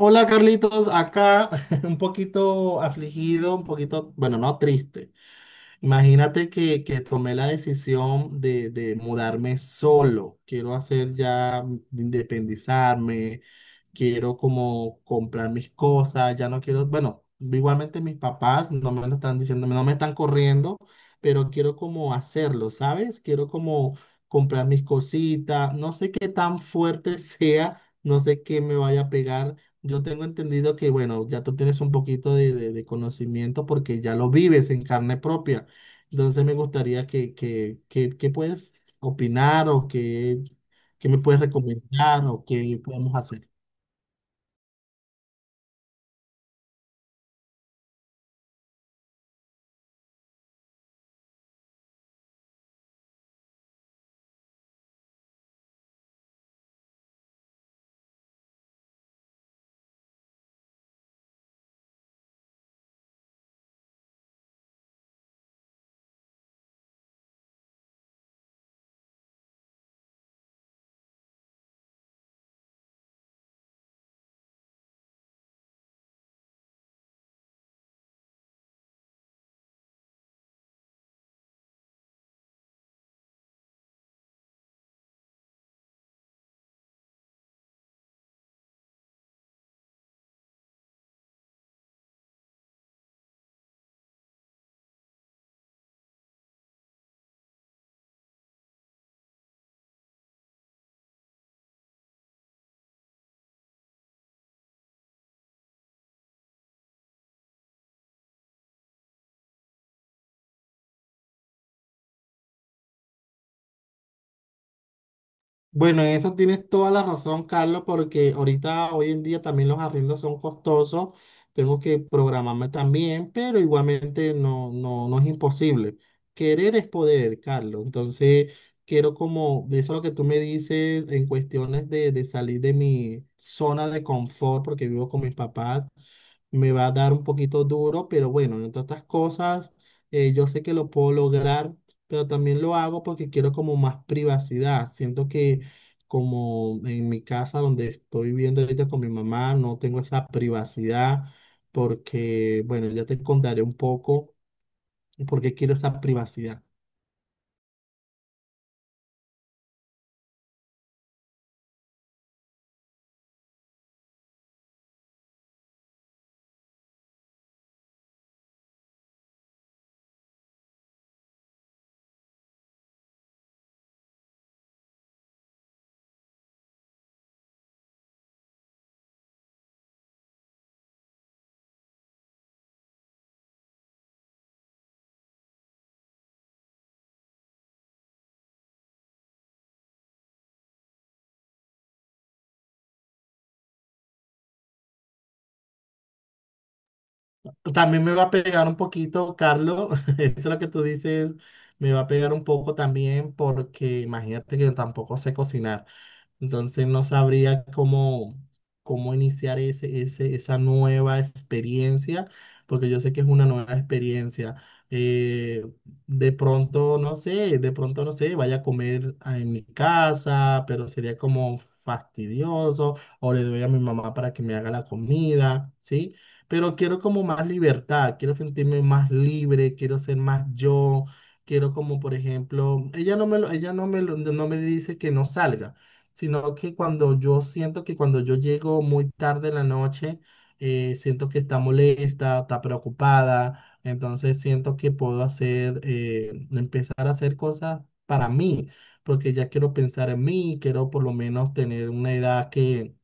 Hola Carlitos, acá un poquito afligido, un poquito, bueno, no triste. Imagínate que tomé la decisión de mudarme solo. Quiero hacer ya, independizarme, quiero como comprar mis cosas, ya no quiero, bueno, igualmente mis papás no me lo están diciendo, no me están corriendo, pero quiero como hacerlo, ¿sabes? Quiero como comprar mis cositas, no sé qué tan fuerte sea, no sé qué me vaya a pegar. Yo tengo entendido que, bueno, ya tú tienes un poquito de, de conocimiento porque ya lo vives en carne propia. Entonces me gustaría que puedes opinar o que me puedes recomendar o qué podemos hacer. Bueno, en eso tienes toda la razón, Carlos, porque ahorita, hoy en día también los arriendos son costosos. Tengo que programarme también, pero igualmente no es imposible. Querer es poder, Carlos. Entonces, quiero como, de eso lo que tú me dices en cuestiones de salir de mi zona de confort, porque vivo con mis papás, me va a dar un poquito duro, pero bueno, entre otras cosas, yo sé que lo puedo lograr, pero también lo hago porque quiero como más privacidad. Siento que como en mi casa donde estoy viviendo ahorita con mi mamá, no tengo esa privacidad porque, bueno, ya te contaré un poco por qué quiero esa privacidad. También me va a pegar un poquito, Carlos. Eso lo que tú dices me va a pegar un poco también porque imagínate que yo tampoco sé cocinar. Entonces no sabría cómo, cómo iniciar esa nueva experiencia, porque yo sé que es una nueva experiencia. Eh, de pronto, no sé, de pronto, no sé, vaya a comer en mi casa, pero sería como fastidioso, o le doy a mi mamá para que me haga la comida, ¿sí? Pero quiero como más libertad, quiero sentirme más libre, quiero ser más yo, quiero como por ejemplo, ella no me lo- ella no me lo- no me dice que no salga, sino que cuando yo siento que cuando yo llego muy tarde en la noche, siento que está molesta, está preocupada, entonces siento que puedo hacer, empezar a hacer cosas para mí, porque ya quiero pensar en mí, quiero por lo menos tener una edad que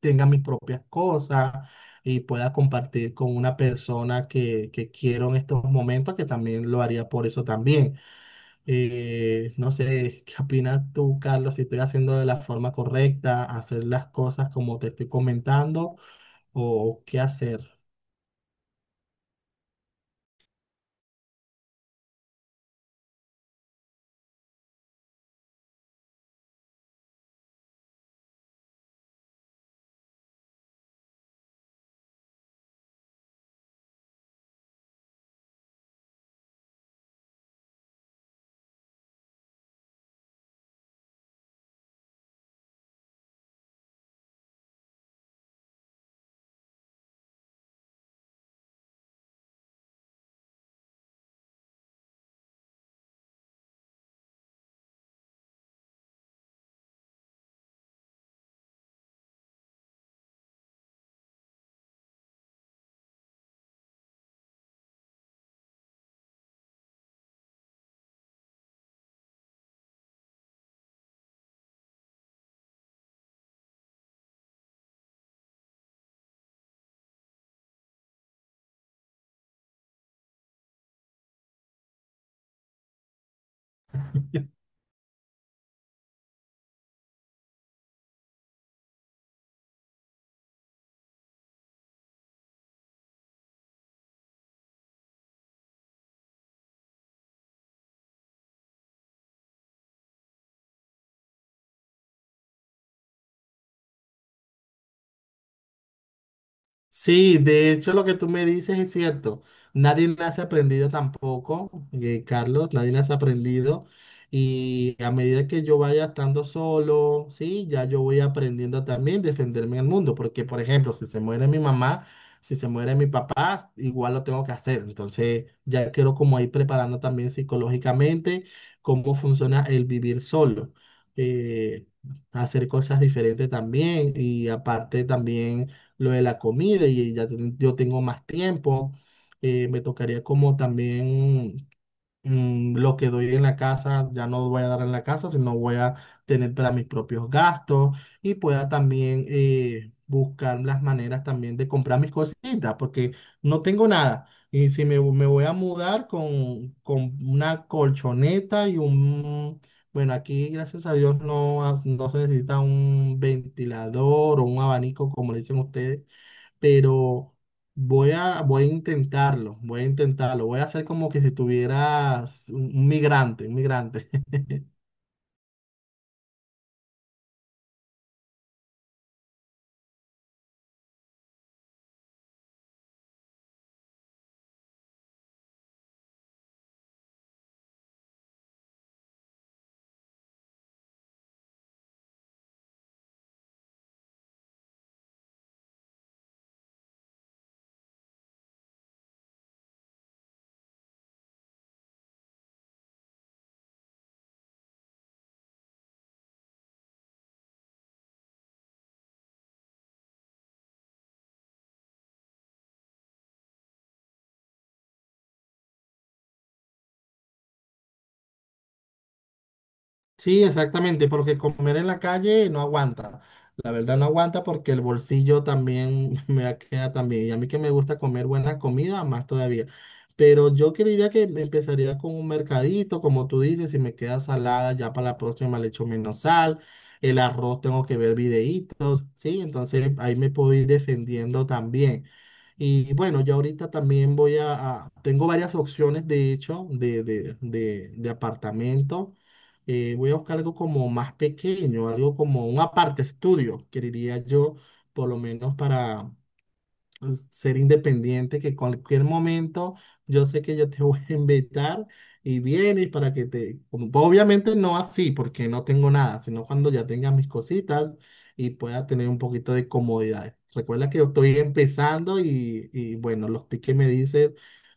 tenga mis propias cosas y pueda compartir con una persona que quiero en estos momentos, que también lo haría por eso también. No sé, ¿qué opinas tú, Carlos? Si estoy haciendo de la forma correcta, hacer las cosas como te estoy comentando o qué hacer. Sí, de hecho lo que tú me dices es cierto. Nadie nace aprendido tampoco, Carlos, nadie nace aprendido. Y a medida que yo vaya estando solo, sí, ya yo voy aprendiendo también defenderme en el mundo. Porque, por ejemplo, si se muere mi mamá, si se muere mi papá, igual lo tengo que hacer. Entonces, ya quiero como ir preparando también psicológicamente cómo funciona el vivir solo. eh, Hacer cosas diferentes también y aparte también lo de la comida y yo tengo más tiempo. Me tocaría como también lo que doy en la casa, ya no voy a dar en la casa, sino voy a tener para mis propios gastos y pueda también buscar las maneras también de comprar mis cositas, porque no tengo nada. Y si me voy a mudar con una colchoneta y un... Bueno, aquí gracias a Dios no, no se necesita un ventilador o un abanico, como le dicen ustedes, pero voy a intentarlo, voy a intentarlo, voy a hacer como que si tuvieras un migrante, un migrante. Sí, exactamente, porque comer en la calle no aguanta. La verdad no aguanta porque el bolsillo también me queda también. Y a mí que me gusta comer buena comida, más todavía. Pero yo creería que me empezaría con un mercadito, como tú dices, si me queda salada, ya para la próxima le echo menos sal. El arroz tengo que ver videitos, ¿sí? Entonces ahí me puedo ir defendiendo también. Y bueno, yo ahorita también tengo varias opciones, de hecho, de apartamento. Voy a buscar algo como más pequeño, algo como un aparte estudio, que diría yo, por lo menos para, pues, ser independiente, que cualquier momento yo sé que yo te voy a invitar y vienes para que te... Obviamente no así, porque no tengo nada, sino cuando ya tenga mis cositas y pueda tener un poquito de comodidad. Recuerda que yo estoy empezando y bueno, los tips que me dices,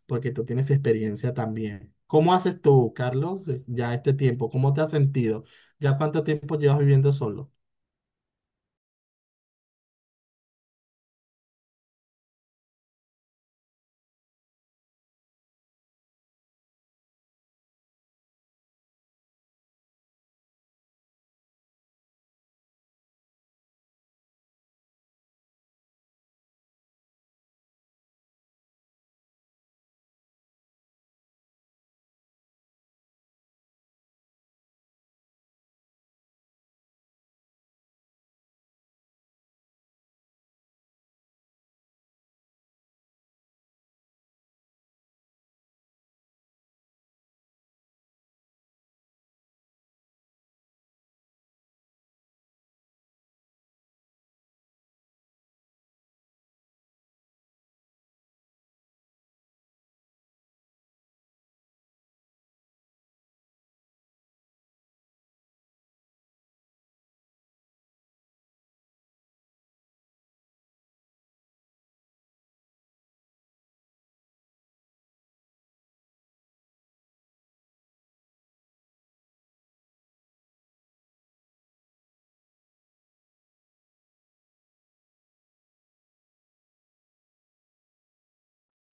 porque tú tienes experiencia también. ¿Cómo haces tú, Carlos, ya este tiempo? ¿Cómo te has sentido? ¿Ya cuánto tiempo llevas viviendo solo?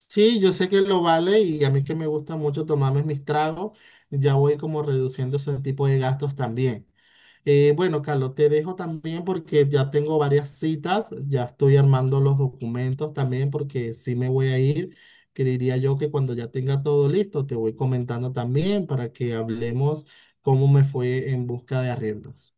Sí, yo sé que lo vale y a mí que me gusta mucho tomarme mis tragos, ya voy como reduciendo ese tipo de gastos también. Bueno, Carlos, te dejo también porque ya tengo varias citas, ya estoy armando los documentos también porque sí me voy a ir. Creería yo que cuando ya tenga todo listo, te voy comentando también para que hablemos cómo me fue en busca de arriendos.